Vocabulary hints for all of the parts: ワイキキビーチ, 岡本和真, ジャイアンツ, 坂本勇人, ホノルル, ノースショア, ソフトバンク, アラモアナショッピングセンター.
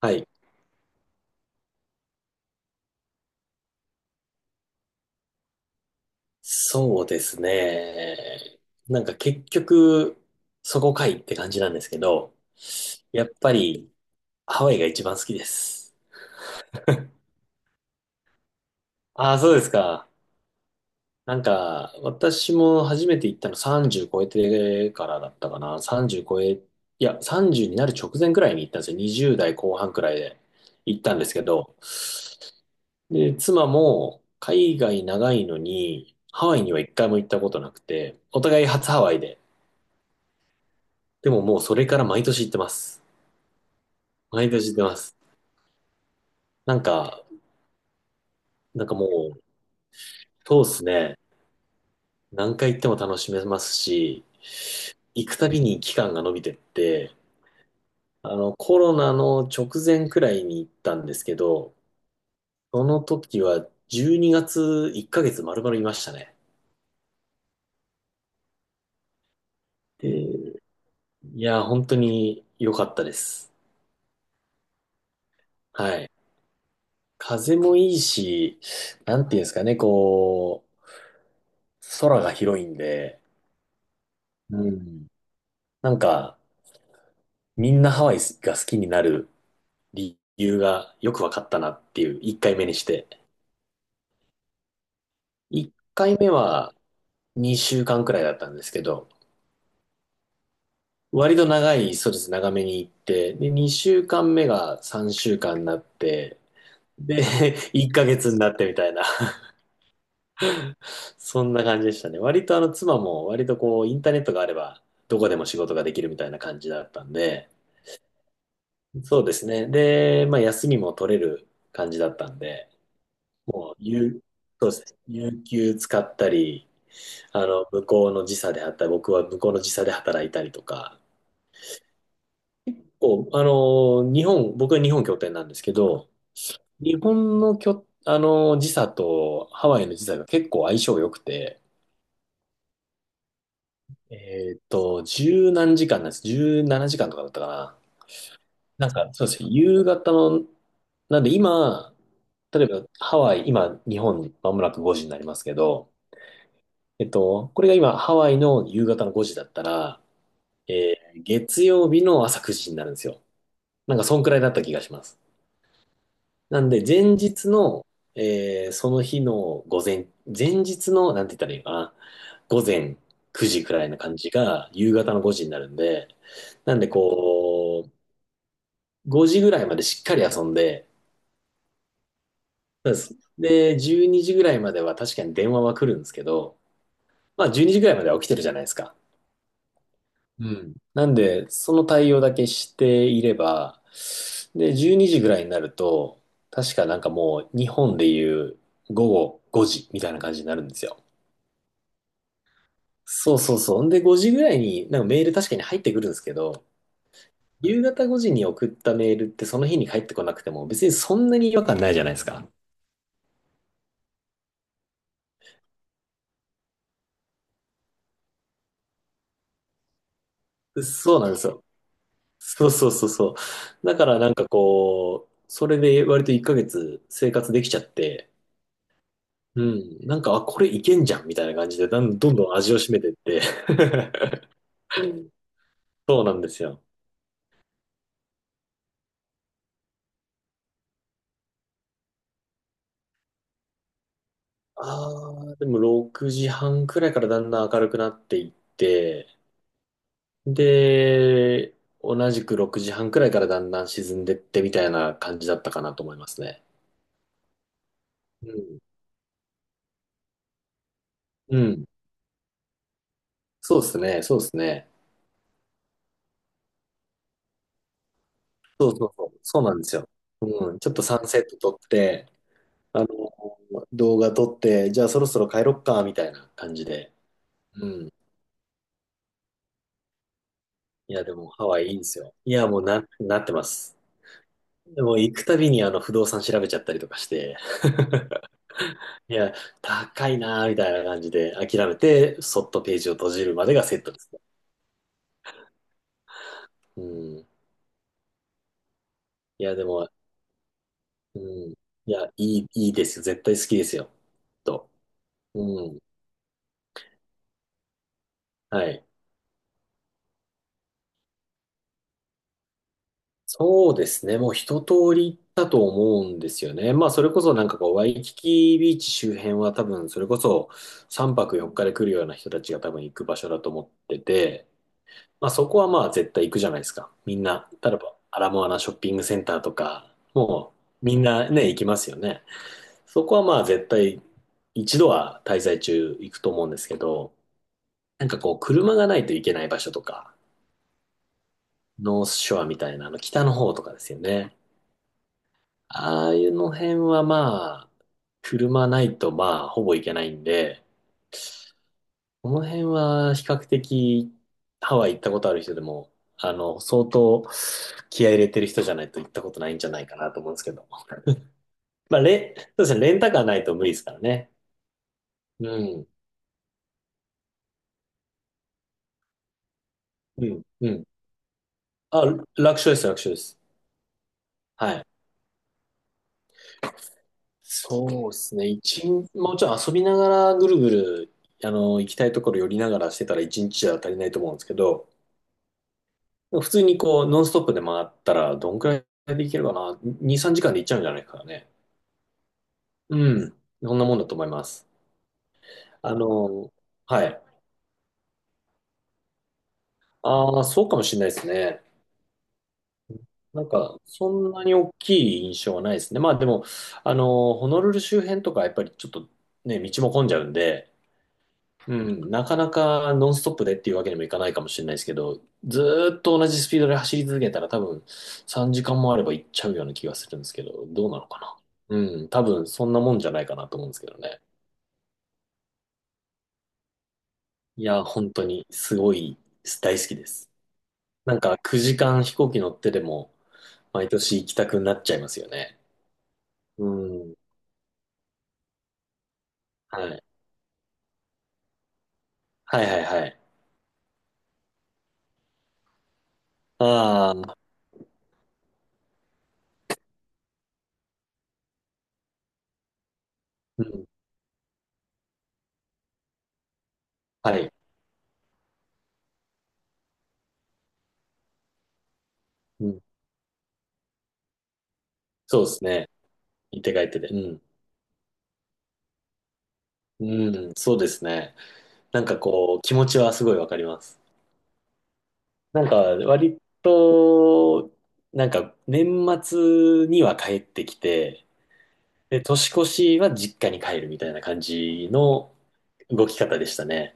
はい。そうですね。なんか結局、そこかいって感じなんですけど、やっぱりハワイが一番好きです。ああ、そうですか。なんか、私も初めて行ったの30超えてからだったかな。30超え、いや、30になる直前くらいに行ったんですよ。20代後半くらいで行ったんですけど。で、妻も海外長いのに、ハワイには一回も行ったことなくて、お互い初ハワイで。でももうそれから毎年行ってます。毎年行ってます。なんか、なんかもう、そうですね。何回行っても楽しめますし、行くたびに期間が伸びてって、コロナの直前くらいに行ったんですけど、その時は12月1ヶ月丸々いましたね。で、いや、本当に良かったです。はい。風もいいし、なんていうんですかね、こう、空が広いんで、うん。なんか、みんなハワイが好きになる理由がよく分かったなっていう、1回目にして。1回目は2週間くらいだったんですけど、割と長い、そうです、長めに行って、で、2週間目が3週間になって、で、1ヶ月になってみたいな、そんな感じでしたね。割と妻も割とこう、インターネットがあれば、どこでも仕事ができるみたいな感じだったんで、そうですね。で、まあ休みも取れる感じだったんで、もう、そうですね。有給使ったり、向こうの時差であったり、僕は向こうの時差で働いたりとか、こう、日本、僕は日本拠点なんですけど、日本の拠、あの、時差とハワイの時差が結構相性良くて、十何時間なんです。十七時間とかだったかな。なんか、そうですね。夕方の、なんで今、例えばハワイ、今、日本、まもなく5時になりますけど、これが今、ハワイの夕方の5時だったら、月曜日の朝9時になるんですよ。なんか、そんくらいだった気がします。なんで、前日の、その日の午前、前日の、なんて言ったらいいのかな、午前9時くらいな感じが、夕方の5時になるんで、なんで、こう、5時ぐらいまでしっかり遊んで、そうです。で、12時ぐらいまでは確かに電話は来るんですけど、まあ、12時ぐらいまでは起きてるじゃないですか。うん。なんで、その対応だけしていれば、で、12時ぐらいになると、確かなんかもう日本でいう午後5時みたいな感じになるんですよ。そうそうそう。んで、5時ぐらいになんかメール確かに入ってくるんですけど、夕方5時に送ったメールってその日に返ってこなくても別にそんなに違和感ないじゃないですか。そうなんですよ。そうそうそうそう。だからなんかこう、それで割と1ヶ月生活できちゃって、うん。なんか、あ、これいけんじゃんみたいな感じで、だんどんどん味を占めてって うん。そうなんですよ。ああ、でも6時半くらいからだんだん明るくなっていって、で、同じく6時半くらいからだんだん沈んでってみたいな感じだったかなと思いますね。うん。うん。そうですね、そうですね。そうそうそう。そうなんですよ。うん。ちょっとサンセット撮って、あの、動画撮って、じゃあそろそろ帰ろっか、みたいな感じで。うん。いや、でもハワイいいんですよ。いや、もうなってます。でも行くたびに不動産調べちゃったりとかして、いや、高いなーみたいな感じで諦めて、そっとページを閉じるまでがセットですね。うん。いや、でも、うん。いや、いいですよ。絶対好きですよ。きっと。うん。はい。そうですね。もう一通り行ったと思うんですよね。まあ、それこそなんかこう、ワイキキビーチ周辺は多分、それこそ3泊4日で来るような人たちが多分行く場所だと思ってて、まあそこはまあ絶対行くじゃないですか。みんな、例えばアラモアナショッピングセンターとか、もうみんなね、行きますよね。そこはまあ絶対一度は滞在中行くと思うんですけど、なんかこう車がないといけない場所とか、ノースショアみたいなあの北の方とかですよね。ああいうの辺はまあ、車ないとまあほぼ行けないんで、この辺は比較的ハワイ行ったことある人でも、相当気合い入れてる人じゃないと行ったことないんじゃないかなと思うんですけど。まあ、そうですね、レンタカーないと無理ですからね。うん。うん。うん。あ、楽勝です、楽勝です。はい。そうですね。一日、もちろん遊びながらぐるぐる、行きたいところ寄りながらしてたら一日じゃ足りないと思うんですけど、普通にこう、ノンストップで回ったら、どんくらいで行けるかな？ 2、3時間で行っちゃうんじゃないですかね。うん。そんなもんだと思います。あの、はい。ああ、そうかもしれないですね。なんか、そんなに大きい印象はないですね。まあでも、ホノルル周辺とかやっぱりちょっとね、道も混んじゃうんで、うん、なかなかノンストップでっていうわけにもいかないかもしれないですけど、ずーっと同じスピードで走り続けたら多分3時間もあれば行っちゃうような気がするんですけど、どうなのかな。うん、多分そんなもんじゃないかなと思うんですけどね。いや、本当にすごい大好きです。なんか9時間飛行機乗ってでも毎年行きたくなっちゃいますよね。うん。はい。はいはいはい。ああ、うん。はい。うん。そうですね。行って帰ってで。うん。うん。そうですね。なんかこう、気持ちはすごいわかります。なんか割と、なんか年末には帰ってきて、で、年越しは実家に帰るみたいな感じの動き方でしたね。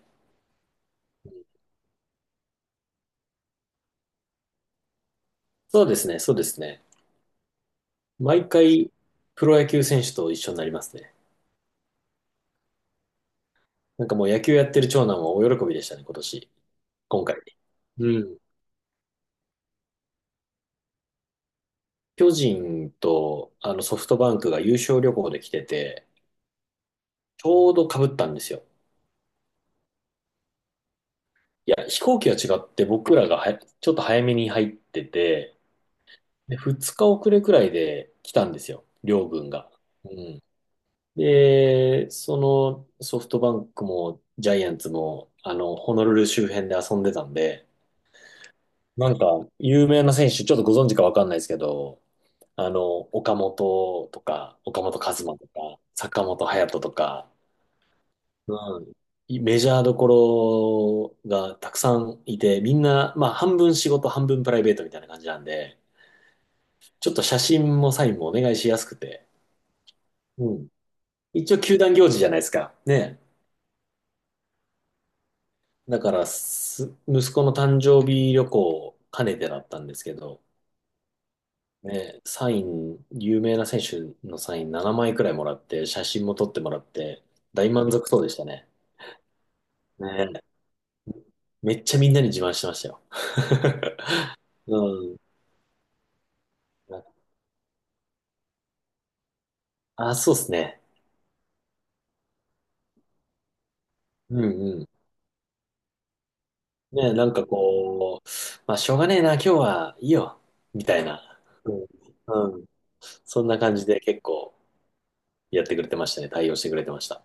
そうですね。そうですね。毎回、プロ野球選手と一緒になりますね。なんかもう野球やってる長男は大喜びでしたね、今年。今回。うん。巨人とソフトバンクが優勝旅行で来てて、ちょうど被ったんですよ。いや、飛行機は違って僕らがはちょっと早めに入ってて、で、2日遅れくらいで来たんですよ、両軍が。うん。で、そのソフトバンクもジャイアンツも、ホノルル周辺で遊んでたんで、なんか、有名な選手、ちょっとご存知かわかんないですけど、岡本とか、岡本和真とか、坂本勇人とか、うん、いメジャーどころがたくさんいて、みんな、まあ、半分仕事、半分プライベートみたいな感じなんで、ちょっと写真もサインもお願いしやすくて、うん。一応、球団行事じゃないですか。ね。だから息子の誕生日旅行を兼ねてだったんですけど、ね、サイン、有名な選手のサイン7枚くらいもらって、写真も撮ってもらって、大満足そうでしたね。ね、めっちゃみんなに自慢してましたよ。うん。あ、そうですね。うんうん。ね、なんかこう、まあ、しょうがねえな、今日はいいよ、みたいな。うん。うん。そんな感じで結構やってくれてましたね。対応してくれてました。